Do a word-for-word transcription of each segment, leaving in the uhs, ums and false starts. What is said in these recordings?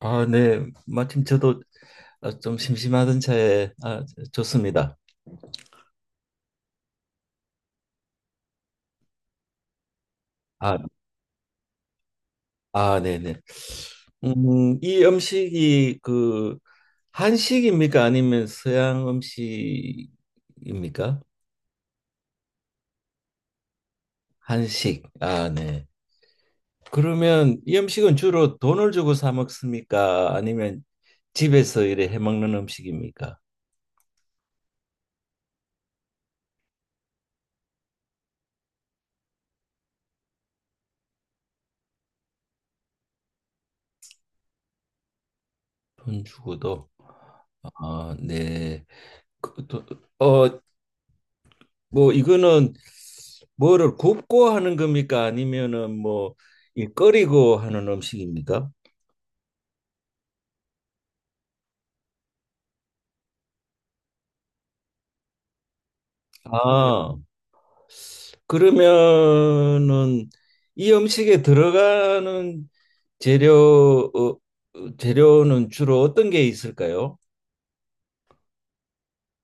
아, 네. 마침 저도 아, 좀 심심하던 차에 아, 좋습니다. 아, 아, 네네. 음, 이 음식이 그 한식입니까? 아니면 서양 음식입니까? 한식. 아, 네. 그러면 이 음식은 주로 돈을 주고 사 먹습니까? 아니면 집에서 이래 해 먹는 음식입니까? 돈 주고도. 아, 네. 그, 또, 어, 뭐 이거는 뭐를 굽고 하는 겁니까? 아니면은 뭐 이 끓이고 하는 음식입니까? 아, 그러면은 이 음식에 들어가는 재료 어, 어, 재료는 주로 어떤 게 있을까요?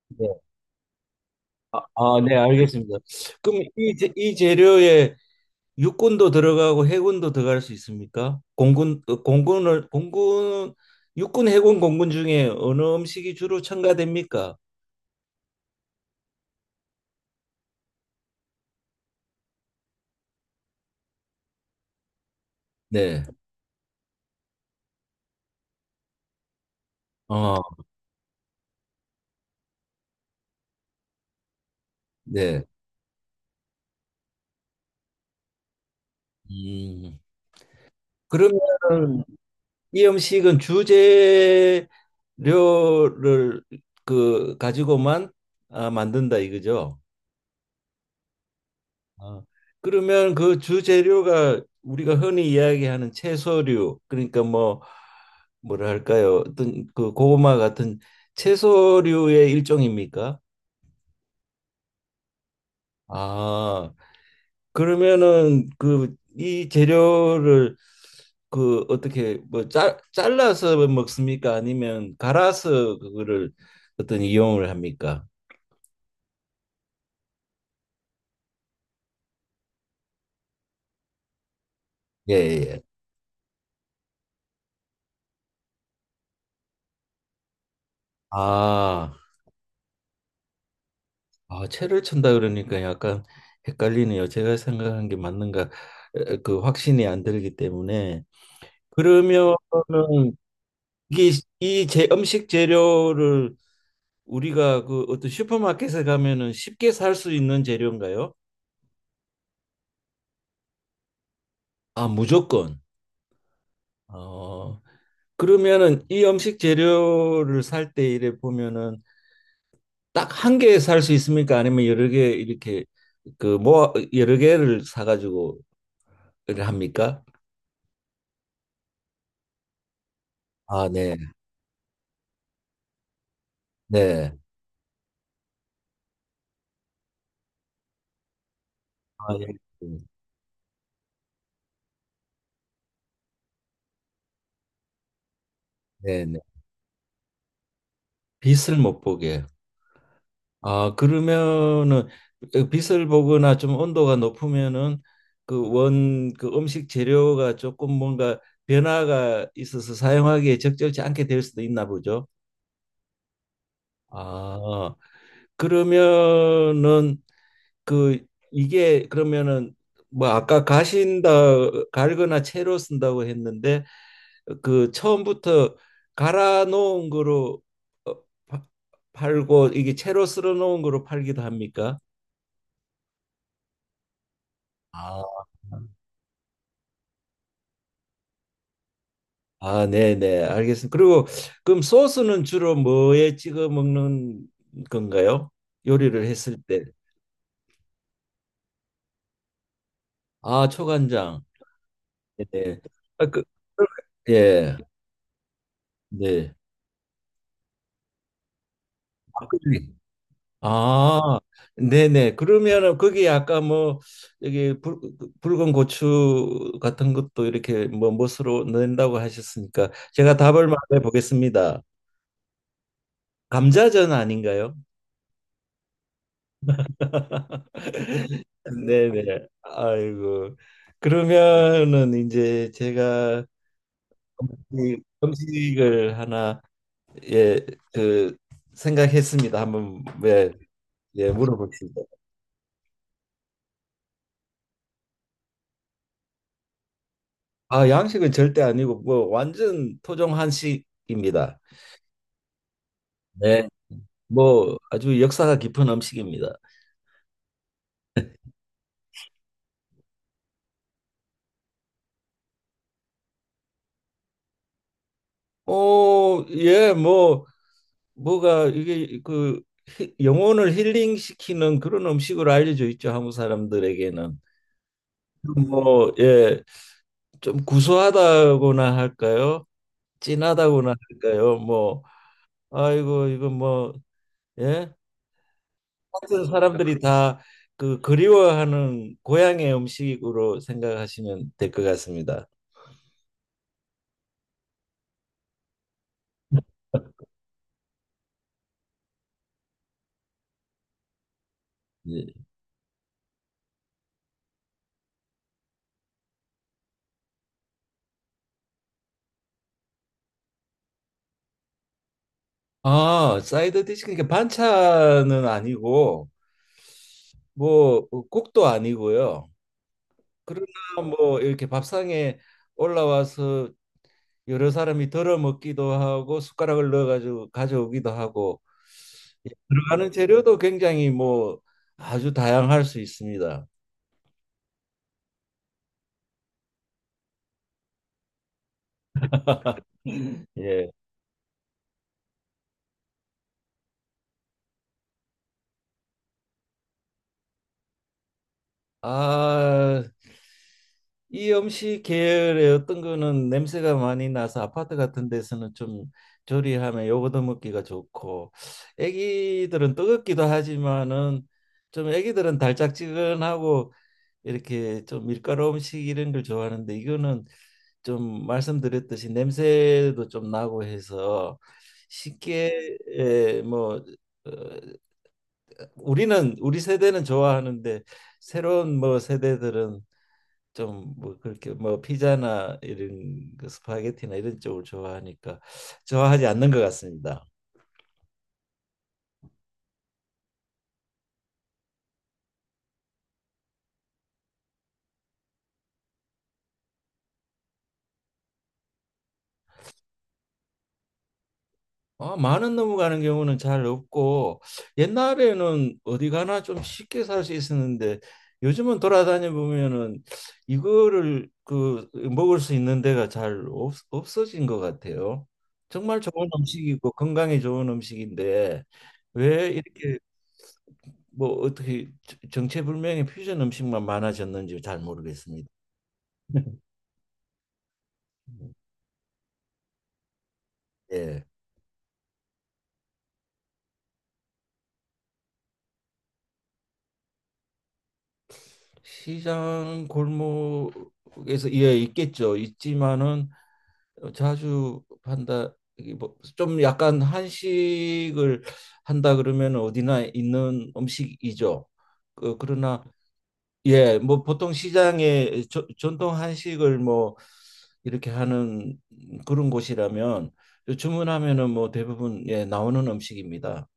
네. 아, 아, 네, 알겠습니다. 그럼 이, 재- 이 재료에 육군도 들어가고 해군도 들어갈 수 있습니까? 공군 어, 공군을 공군 육군 해군 공군 중에 어느 음식이 주로 첨가됩니까? 네, 어, 네. 음. 그러면 이 음식은 주재료를 그 가지고만 아, 만든다 이거죠? 아, 그러면 그 주재료가 우리가 흔히 이야기하는 채소류, 그러니까 뭐 뭐랄까요? 어떤 그 고구마 같은 채소류의 일종입니까? 아, 그러면은 그 이 재료를 그 어떻게 뭐 짜, 잘라서 먹습니까? 아니면 갈아서 그거를 어떤 이용을 합니까? 예, 예. 예. 아, 아, 채를 춘다 그러니까 약간 헷갈리네요. 제가 생각한 게 맞는가 에, 그 확신이 안 들기 때문에 그러면은 이게 이 제 음식 재료를 우리가 그 어떤 슈퍼마켓에 가면은 쉽게 살 수 있는 재료인가요? 아, 무조건. 어, 그러면은 이 음식 재료를 살 때 이래 보면은 딱 한 개 살 수 있습니까? 아니면 여러 개 이렇게 그 모아 여러 개를 사가지고 이래 합니까? 아, 네. 네. 아, 예. 네네. 빛을 못 보게. 아, 그러면은 그 빛을 보거나 좀 온도가 높으면은 그 원, 그 음식 재료가 조금 뭔가 변화가 있어서 사용하기에 적절치 않게 될 수도 있나 보죠. 아, 그러면은 그 이게 그러면은 뭐 아까 가신다 갈거나 채로 쓴다고 했는데 그 처음부터 갈아 놓은 거로 어, 파- 팔고 이게 채로 썰어 놓은 거로 팔기도 합니까? 아, 아, 네, 네, 알겠습니다. 그리고 그럼 소스는 주로 뭐에 찍어 먹는 건가요? 요리를 했을 때. 아, 초간장. 네. 네. 아, 그, 그- 예, 네. 막걸리. 아, 네네. 그러면은 거기 아까 뭐 여기 붉, 붉은 고추 같은 것도 이렇게 뭐 멋으로 넣는다고 하셨으니까 제가 답을 말해 보겠습니다. 감자전 아닌가요? 네네. 아이고. 그러면은 이제 제가 이 음식을 하나 예, 그 생각했습니다. 한번 예, 예 물어봅시다. 아, 양식은 절대 아니고 뭐 완전 토종 한식입니다. 네. 뭐 아주 역사가 깊은 음식입니다. 어, 예, 뭐 뭐가 이게 그 히- 영혼을 힐링시키는 그런 음식으로 알려져 있죠, 한국 사람들에게는. 뭐 예, 좀 구수하다고나 할까요? 진하다고나 할까요? 뭐 아이고 이거 뭐 예? 같은 사람들이 다 그 그리워하는 고향의 음식으로 생각하시면 될 것 같습니다. 예. 아, 사이드 디시 그러니까 반찬은 아니고 뭐 어, 국도 아니고요. 그러나 뭐 이렇게 밥상에 올라와서 여러 사람이 덜어 먹기도 하고 숟가락을 넣어가지고 가져오기도 하고 예, 들어가는 재료도 굉장히 뭐 아주 다양할 수 있습니다. 예. 아, 이 음식 계열의 어떤 거는 냄새가 많이 나서 아파트 같은 데서는 좀 조리하면 요거도 먹기가 좋고 애기들은 뜨겁기도 하지만은 좀 애기들은 달짝지근하고 이렇게 좀 밀가루 음식 이런 걸 좋아하는데 이거는 좀 말씀드렸듯이 냄새도 좀 나고 해서 쉽게 예, 뭐 어, 우리는 우리 세대는 좋아하는데 새로운 뭐 세대들은 좀 뭐 그렇게 뭐 피자나 이런 그 스파게티나 이런 쪽을 좋아하니까 좋아하지 않는 것 같습니다. 아, 많은 넘어가는 경우는 잘 없고 옛날에는 어디 가나 좀 쉽게 살 수 있었는데 요즘은 돌아다녀 보면은 이거를 그 먹을 수 있는 데가 잘 없, 없어진 것 같아요. 정말 좋은 음식이고 건강에 좋은 음식인데 왜 이렇게 뭐 어떻게 정체불명의 퓨전 음식만 많아졌는지 잘 모르겠습니다. 예. 시장 골목에서 예 있겠죠. 있지만은 자주 판다 뭐 좀 약간 한식을 한다 그러면 어디나 있는 음식이죠. 그, 그러나 예, 뭐 보통 시장에 저- 전통 한식을 뭐 이렇게 하는 그런 곳이라면 주문하면은 뭐 대부분 예 나오는 음식입니다.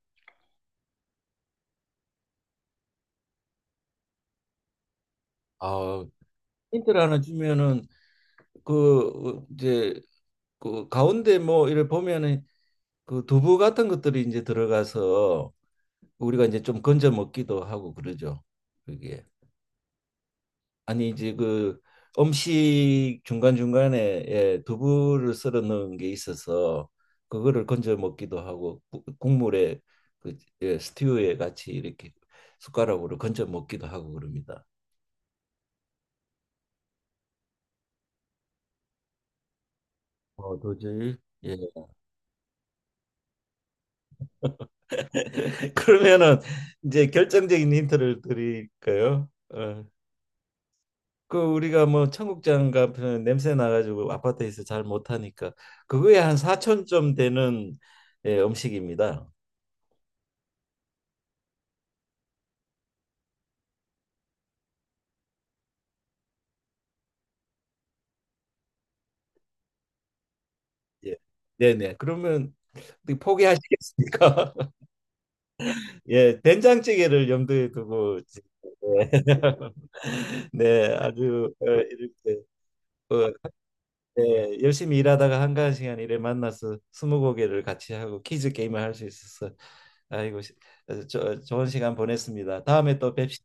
아 힌트를 하나 주면은 그 어, 이제 그 가운데 뭐 이를 보면은 그 두부 같은 것들이 이제 들어가서 우리가 이제 좀 건져 먹기도 하고 그러죠. 그게 아니 이제 그 음식 중간중간에 예, 두부를 썰어 넣은 게 있어서 그거를 건져 먹기도 하고 구- 국물에 그 예, 스튜에 같이 이렇게 숟가락으로 건져 먹기도 하고 그럽니다. 어, 도저히 예. 그러면은 이제 결정적인 힌트를 드릴까요? 어. 그 우리가 뭐 청국장 같은 냄새 나가지고 아파트에서 잘 못하니까 그거에 한 사천 점 되는 예, 음식입니다. 예. 네네. 그러면 어떻게 포기하시겠습니까? 예, 된장찌개를 염두에 두고 지금, 예. 네, 아주 어, 이렇게 어, 네, 열심히 일하다가 한가한 시간 일에 만나서 스무고개를 같이 하고 퀴즈 게임을 할 수 있어서 아이고 시- 어, 저, 좋은 시간 보냈습니다. 다음에 또 뵙시.